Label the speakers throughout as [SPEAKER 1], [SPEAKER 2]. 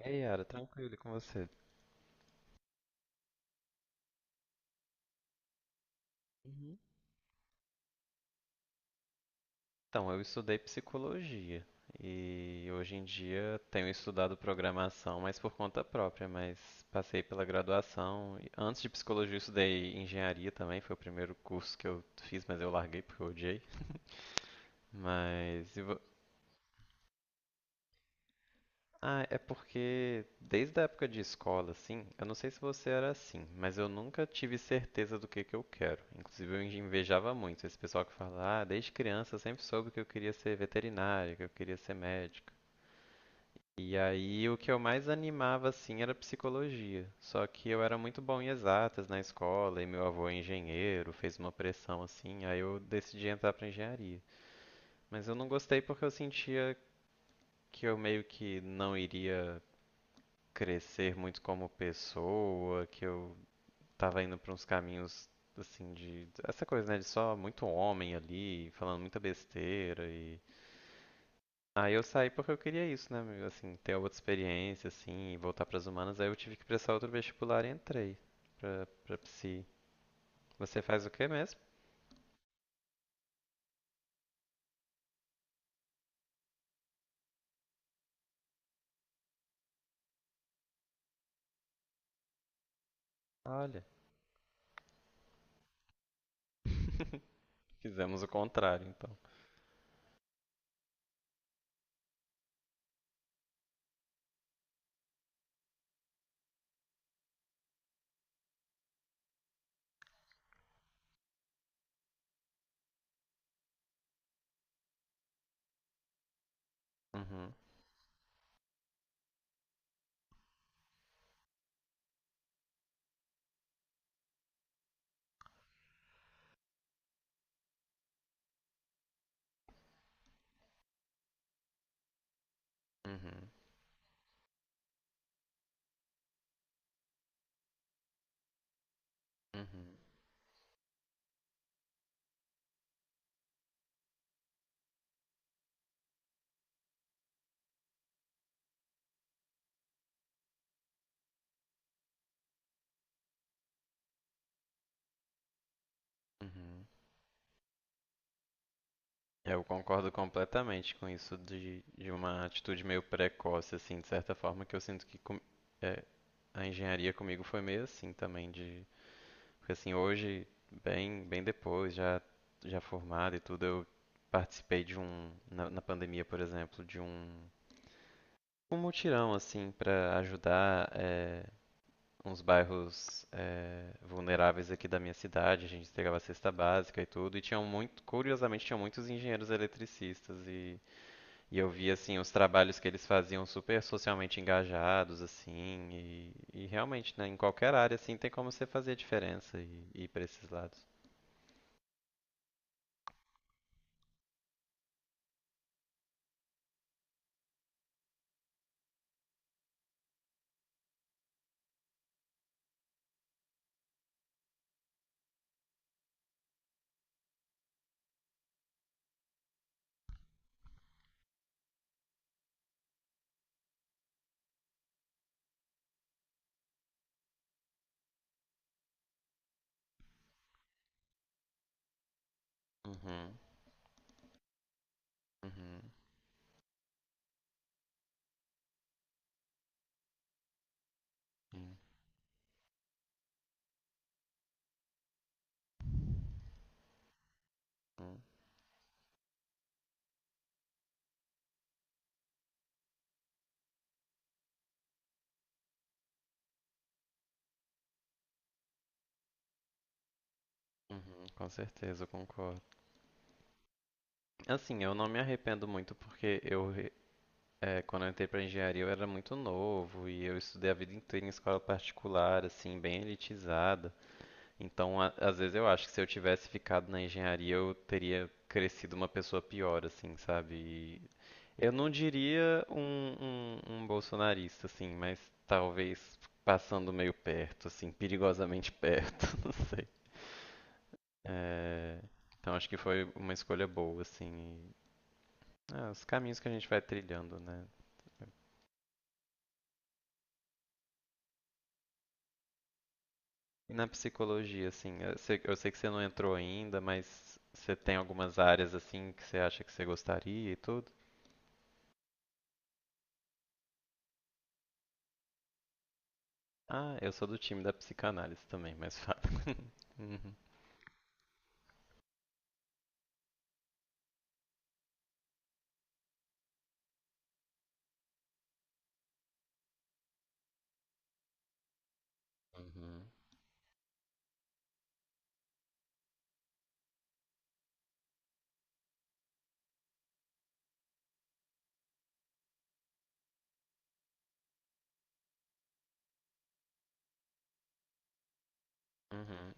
[SPEAKER 1] Ei, Yara, tranquilo e com você? Uhum. Então, eu estudei psicologia e hoje em dia tenho estudado programação, mas por conta própria, mas passei pela graduação. E antes de psicologia, eu estudei engenharia também, foi o primeiro curso que eu fiz, mas eu larguei porque eu odiei. Mas e vo- Ah, é porque desde a época de escola, assim, eu não sei se você era assim, mas eu nunca tive certeza do que eu quero. Inclusive, eu invejava muito esse pessoal que fala, ah, desde criança eu sempre soube que eu queria ser veterinário, que eu queria ser médico. E aí, o que eu mais animava, assim, era psicologia. Só que eu era muito bom em exatas na escola, e meu avô é engenheiro, fez uma pressão, assim, aí eu decidi entrar pra engenharia. Mas eu não gostei porque eu sentia que eu meio que não iria crescer muito como pessoa, que eu tava indo pra uns caminhos assim de essa coisa, né, de só muito homem ali, falando muita besteira e aí eu saí porque eu queria isso, né, meu, assim, ter outra experiência assim, e voltar pras humanas, aí eu tive que prestar outro vestibular e entrei pra para psi. Você faz o quê mesmo? Olha, fizemos o contrário, então. Uhum, uhum, uhum, uhum. Eu concordo completamente com isso de uma atitude meio precoce, assim, de certa forma, que eu sinto que é, a engenharia comigo foi meio assim também, de, porque assim, hoje, bem, bem depois, já, já formado e tudo, eu participei de na pandemia, por exemplo, de um mutirão, assim, para ajudar uns bairros vulneráveis aqui da minha cidade, a gente entregava cesta básica e tudo, e curiosamente, tinham muitos engenheiros eletricistas e eu vi assim os trabalhos que eles faziam super socialmente engajados assim e realmente, né, em qualquer área assim tem como você fazer a diferença e ir para esses lados. Uhum, uhum, uhum, uhum, com certeza, eu concordo. Assim, eu não me arrependo muito porque quando eu entrei para engenharia eu era muito novo e eu estudei a vida inteira em escola particular, assim, bem elitizada. Então, a- às vezes eu acho que se eu tivesse ficado na engenharia, eu teria crescido uma pessoa pior, assim, sabe? Eu não diria um bolsonarista, assim, mas talvez passando meio perto, assim, perigosamente perto, não sei. É, então acho que foi uma escolha boa, assim. e- ah, os caminhos que a gente vai trilhando, né? E na psicologia, assim, eu sei que você não entrou ainda, mas você tem algumas áreas, assim, que você acha que você gostaria e tudo? Ah, eu sou do time da psicanálise também, mas fato. Uhum. Uhum. Uhum.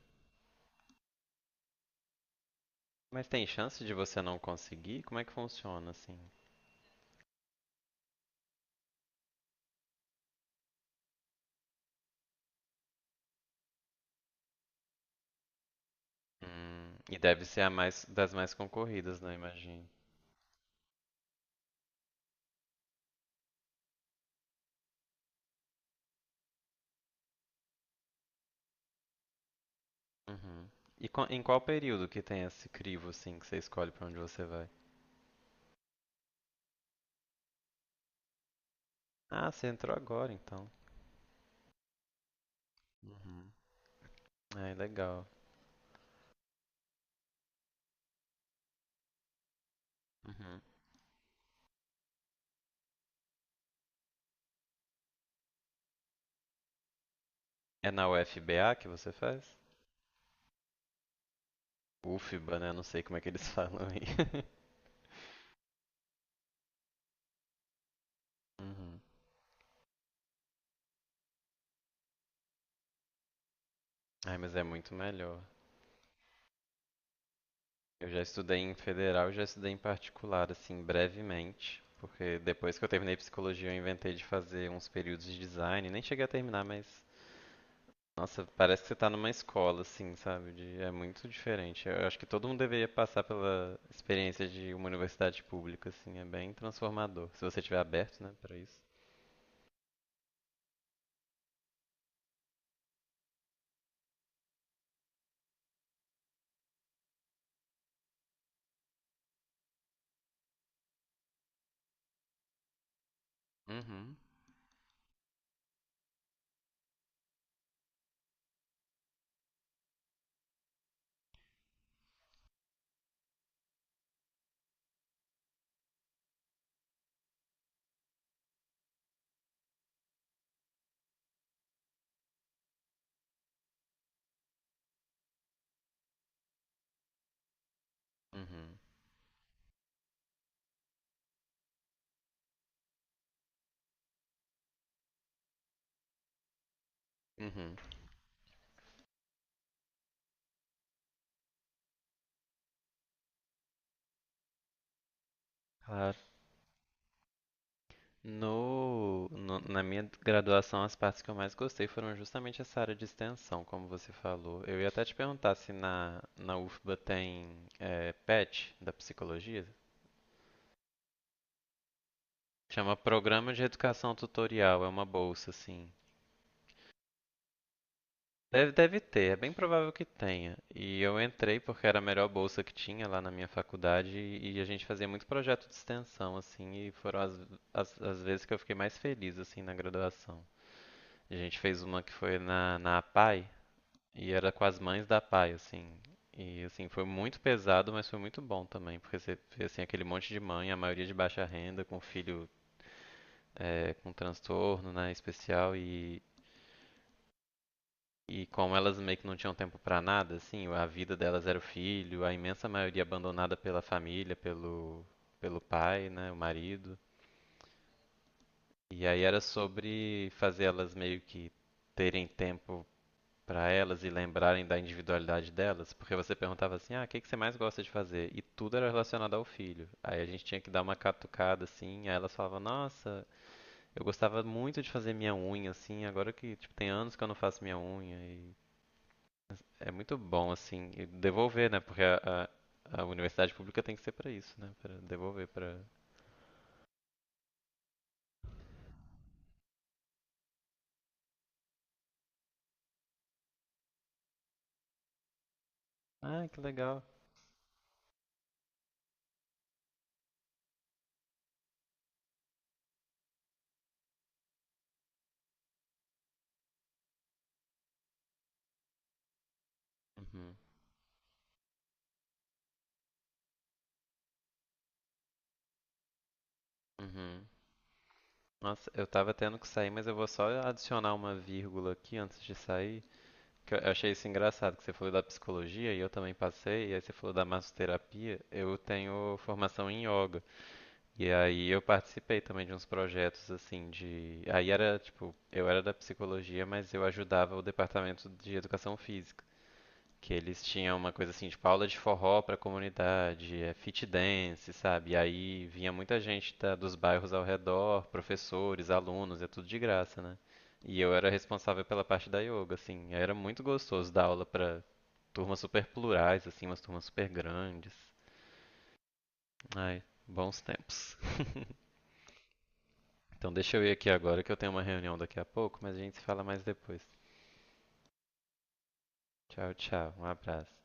[SPEAKER 1] Mas tem chance de você não conseguir? Como é que funciona, assim? E deve ser a mais das mais concorridas, né? Imagino. Uhum. E qua- em qual período que tem esse crivo, assim, que você escolhe pra onde você vai? Ah, você entrou agora, então. Uhum. Ai, legal. Uhum. É na UFBA que você faz? UFBA, né? Não sei como é que eles falam aí. Uhum. Ai, mas é muito melhor. Eu já estudei em federal, já estudei em particular, assim, brevemente, porque depois que eu terminei psicologia, eu inventei de fazer uns períodos de design, nem cheguei a terminar, mas nossa, parece que você tá numa escola, assim, sabe? De- é muito diferente. Eu acho que todo mundo deveria passar pela experiência de uma universidade pública, assim, é bem transformador, se você estiver aberto, né, para isso. Uhum, uhum, uhum. Claro. Na minha graduação, as partes que eu mais gostei foram justamente essa área de extensão, como você falou. Eu ia até te perguntar se na UFBA tem PET da psicologia. Chama Programa de Educação Tutorial, é uma bolsa, assim. Deve, deve ter, é bem provável que tenha. E eu entrei porque era a melhor bolsa que tinha lá na minha faculdade e a gente fazia muito projeto de extensão, assim, e foram as vezes que eu fiquei mais feliz, assim, na graduação. A gente fez uma que foi na APAE. E era com as mães da Pai, assim. E assim, foi muito pesado, mas foi muito bom também, porque você vê assim, aquele monte de mãe, a maioria de baixa renda, com filho com transtorno, né, especial, e como elas meio que não tinham tempo pra nada, assim, a vida delas era o filho, a imensa maioria abandonada pela família, pelo pai, né, o marido. E aí era sobre fazer elas meio que terem tempo para elas e lembrarem da individualidade delas, porque você perguntava assim, ah, o que que você mais gosta de fazer? E tudo era relacionado ao filho. Aí a gente tinha que dar uma catucada assim, aí elas falavam, nossa, eu gostava muito de fazer minha unha assim, agora que tipo tem anos que eu não faço minha unha e é muito bom assim e devolver, né? Porque a universidade pública tem que ser para isso, né? Para devolver para, ah, que legal. Uhum. Uhum. Nossa, eu tava tendo que sair, mas eu vou só adicionar uma vírgula aqui antes de sair. Que eu achei isso engraçado, que você falou da psicologia e eu também passei, e aí você falou da massoterapia. Eu tenho formação em yoga. E aí eu participei também de uns projetos assim de. Aí era tipo, eu era da psicologia, mas eu ajudava o departamento de educação física. Que eles tinham uma coisa assim, tipo aula de forró pra comunidade, é fit dance, sabe? E aí vinha muita gente dos bairros ao redor, professores, alunos, é tudo de graça, né? E eu era responsável pela parte da yoga, assim. Era muito gostoso dar aula pra turmas super plurais, assim, umas turmas super grandes. Ai, bons tempos. Então deixa eu ir aqui agora que eu tenho uma reunião daqui a pouco, mas a gente se fala mais depois. Tchau, tchau. Um abraço.